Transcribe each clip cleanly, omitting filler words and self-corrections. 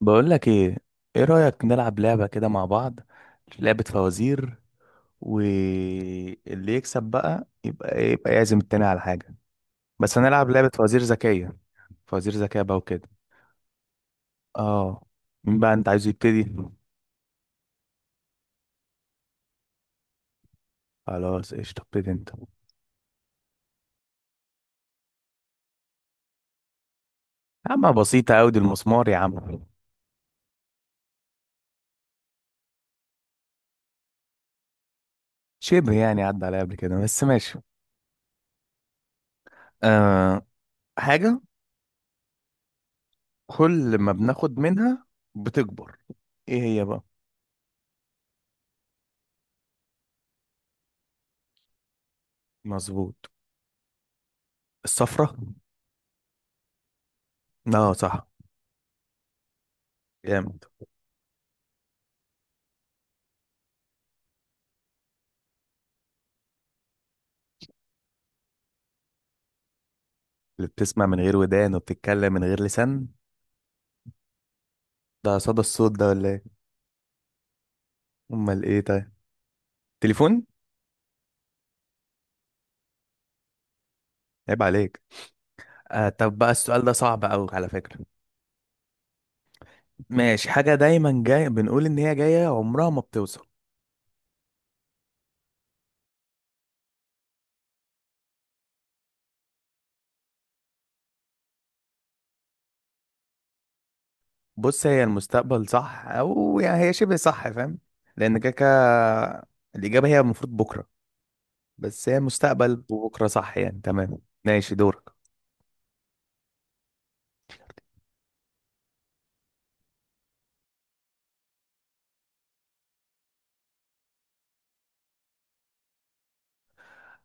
بقول لك ايه؟ ايه رأيك نلعب لعبة كده مع بعض؟ لعبة فوازير. واللي يكسب بقى يبقى ايه، يبقى يعزم التاني على حاجة. بس هنلعب لعبة فوازير ذكية. فوازير ذكية بقى وكده. اه. مين بقى انت عايز يبتدي؟ خلاص قشطة، ابتدي انت. يا عم بسيطة اوي، دي المسمار يا عم. شبه يعني عدى عليا قبل كده، بس ماشي. آه. حاجة كل ما بناخد منها بتكبر. ايه هي بقى؟ مظبوط. الصفرة. اه صح. جامد. اللي بتسمع من غير ودان وبتتكلم من غير لسان. ده صدى الصوت ده ولا ايه؟ امال ايه طيب؟ تليفون. عيب عليك. آه، طب بقى السؤال ده صعب قوي على فكرة. ماشي. حاجة دايما جاي بنقول ان هي جاية، عمرها ما بتوصل. بص، هي المستقبل صح، او يعني هي شبه صح، فاهم؟ لان كده كده الإجابة هي المفروض بكرة. بس هي المستقبل وبكرة صح يعني، تمام. ماشي دورك.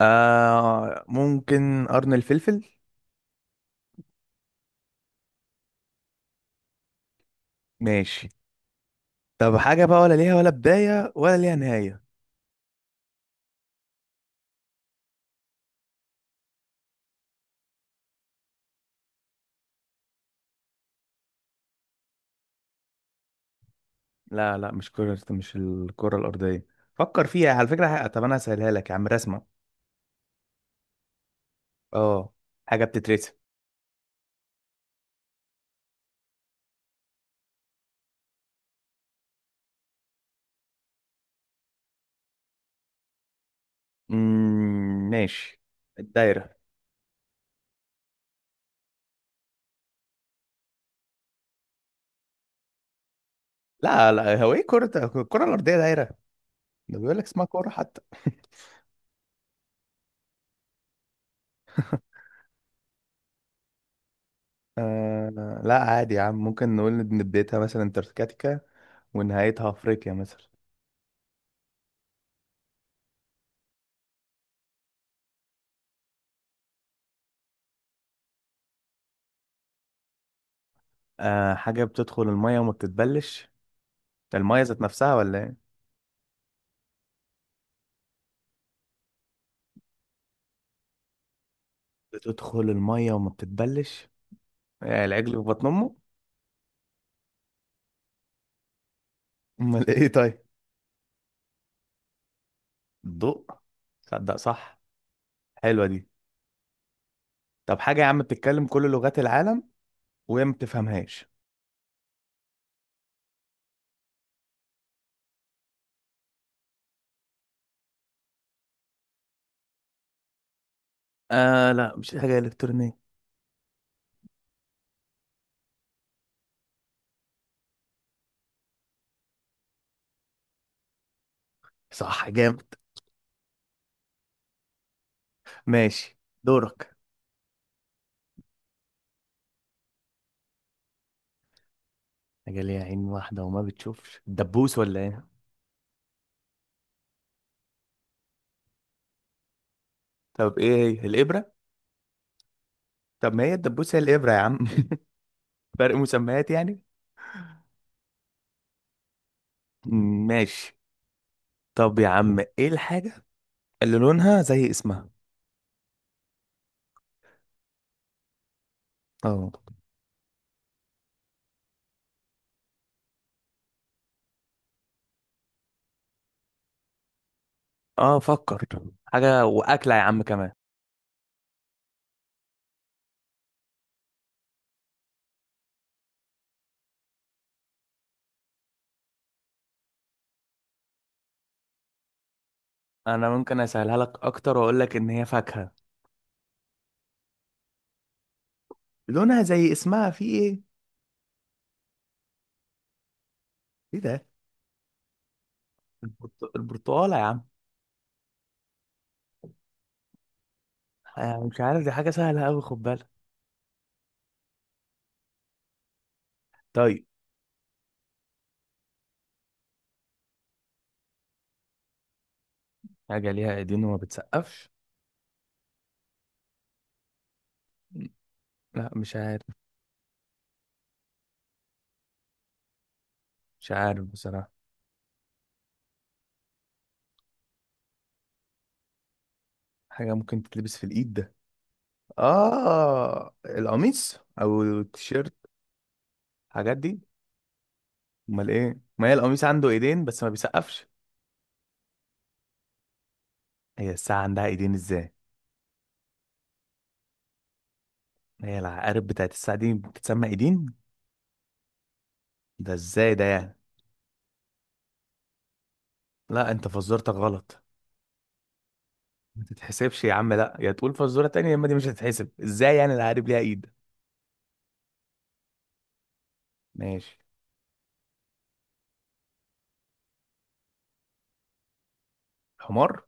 آه ممكن قرن الفلفل. ماشي. طب حاجة بقى ولا ليها ولا بداية ولا ليها نهاية. لا لا، مش كرة، مش الكرة الأرضية. فكر فيها على فكرة. طب أنا هسهلها لك يا عم، رسمة. اه. حاجة بتترسم. ماشي. الدايرة. لا لا، هو ايه كرة؟ الكرة الأرضية دايرة. ده بيقول لك اسمها كرة حتى آه لا، عادي يا عم، ممكن نقول إن بدايتها مثلا انتاركتيكا. ونهايتها أفريقيا مثلا. آه، حاجة بتدخل المية وما بتتبلش. ده المية ذات نفسها ولا ايه؟ بتدخل المية وما بتتبلش. يعني العجل في بطن أمه؟ أمال ايه طيب؟ الضوء. تصدق صح. حلوة دي. طب حاجة يا عم بتتكلم كل لغات العالم وهي ما بتفهمهاش. آه لا، مش حاجة إلكترونية. صح، جامد. ماشي دورك. حاجة ليها عين واحدة وما بتشوفش، الدبوس ولا ايه؟ طب ايه هي؟ الإبرة. طب ما هي الدبوس هي الإبرة يا عم فرق مسميات يعني. ماشي. طب يا عم، ايه الحاجة اللي لونها زي اسمها؟ اه. اه فكر. حاجة وأكلة يا عم كمان. انا ممكن اسهلها لك اكتر واقول لك ان هي فاكهة. لونها زي اسمها، في ايه؟ ايه ده؟ البرتقاله يا عم. آه، مش عارف، دي حاجه سهله قوي، خد بالك. طيب. حاجه ليها ايدين وما بتسقفش. لا مش عارف. مش عارف بصراحه. حاجه ممكن تتلبس في الايد، ده اه القميص او التيشيرت. الحاجات دي. امال ايه؟ ما هي القميص عنده ايدين بس ما بيسقفش. هي الساعه عندها ايدين ازاي؟ هي العقارب بتاعت الساعه دي بتتسمى ايدين؟ ده ازاي ده يعني. لا انت فزرتك غلط. ما تتحسبش يا عم، لا، يا تقول فزوره تانية يا اما دي مش هتتحسب، ازاي يعني العقارب ليها ايد. ماشي. حمار.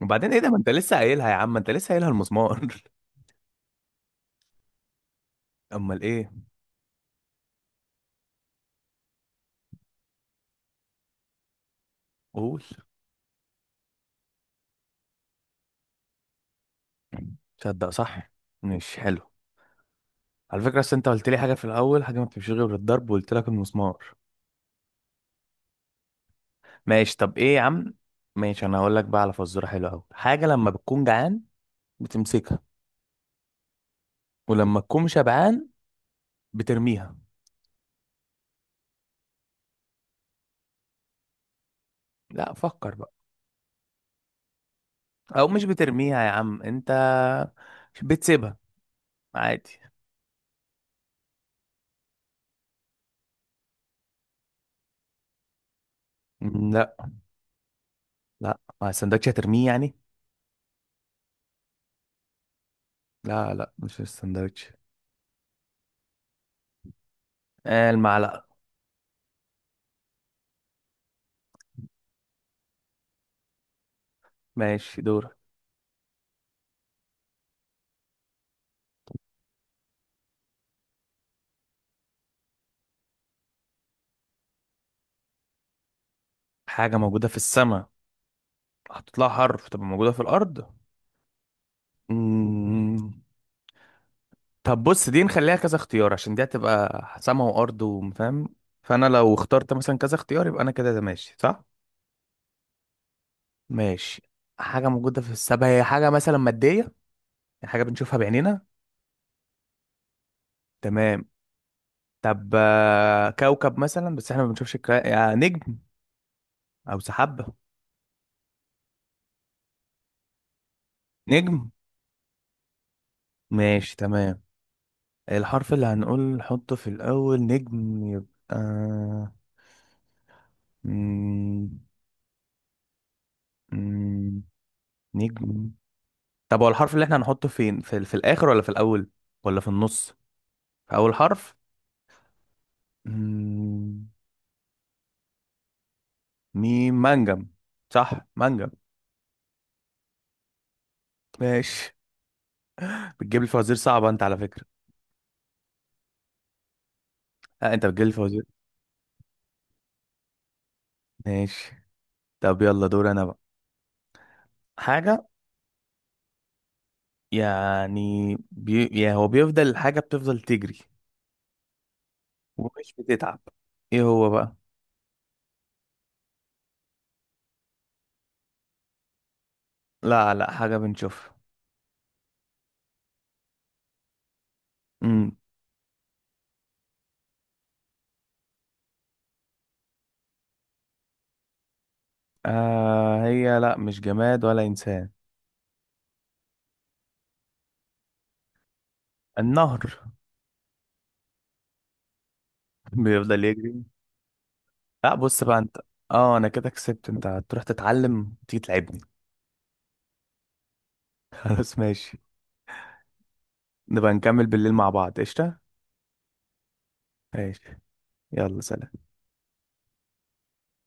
وبعدين ايه ده، ما انت لسه قايلها يا عم، انت لسه قايلها المسمار امال ايه؟ قول. تصدق صح. مش حلو. على فكره، اصل انت قلت لي حاجه في الاول، حاجه ما بتمشيش غير بالضرب، وقلت لك المسمار. ماشي، طب ايه يا عم. ماشي، انا هقول لك بقى على فزوره حلوه قوي. حاجه لما بتكون جعان بتمسكها، ولما تكون شبعان بترميها. لا فكر بقى. او مش بترميها يا عم انت، بتسيبها عادي. مم، لا. لا، مع السندوتش هترميه يعني. لا لا، مش السندوتش. آه المعلقة. ماشي دور. حاجة موجودة في السماء، هتطلع حرف تبقى موجودة في الأرض. مم. طب بص، دي نخليها كذا اختيار، عشان دي هتبقى سما وأرض وفاهم. فأنا لو اخترت مثلا كذا اختيار يبقى أنا كده، ده ماشي صح؟ ماشي. حاجة موجودة في السماء، هي حاجة مثلا مادية. يعني حاجة بنشوفها بعينينا. تمام. طب آه، كوكب مثلا، بس احنا ما بنشوفش يعني نجم. أو سحابة. نجم. ماشي تمام. الحرف اللي هنقول نحطه في الأول، نجم يبقى مم... مم... نجم. طب هو الحرف اللي احنا هنحطه فين، في الآخر ولا في الأول، ولا في النص؟ في أول حرف. مم... ميم منجم. صح، منجم. ماشي. بتجيب لي فوازير صعبة أنت على فكرة. لا، أنت بتجيب لي فوازير. ماشي، طب يلا دور أنا بقى. حاجة، يعني هو بيفضل، الحاجة بتفضل تجري ومش بتتعب. ايه هو بقى؟ لا لا، حاجة بنشوفها. امم آه، هي لا، مش جماد ولا إنسان. النهر. بيفضل يجري. لا بص بقى انت. اه انا كده كسبت، انت هتروح تتعلم تيجي تلعبني. خلاص ماشي. نبقى نكمل بالليل مع بعض، قشطة. ماشي. يلا سلام.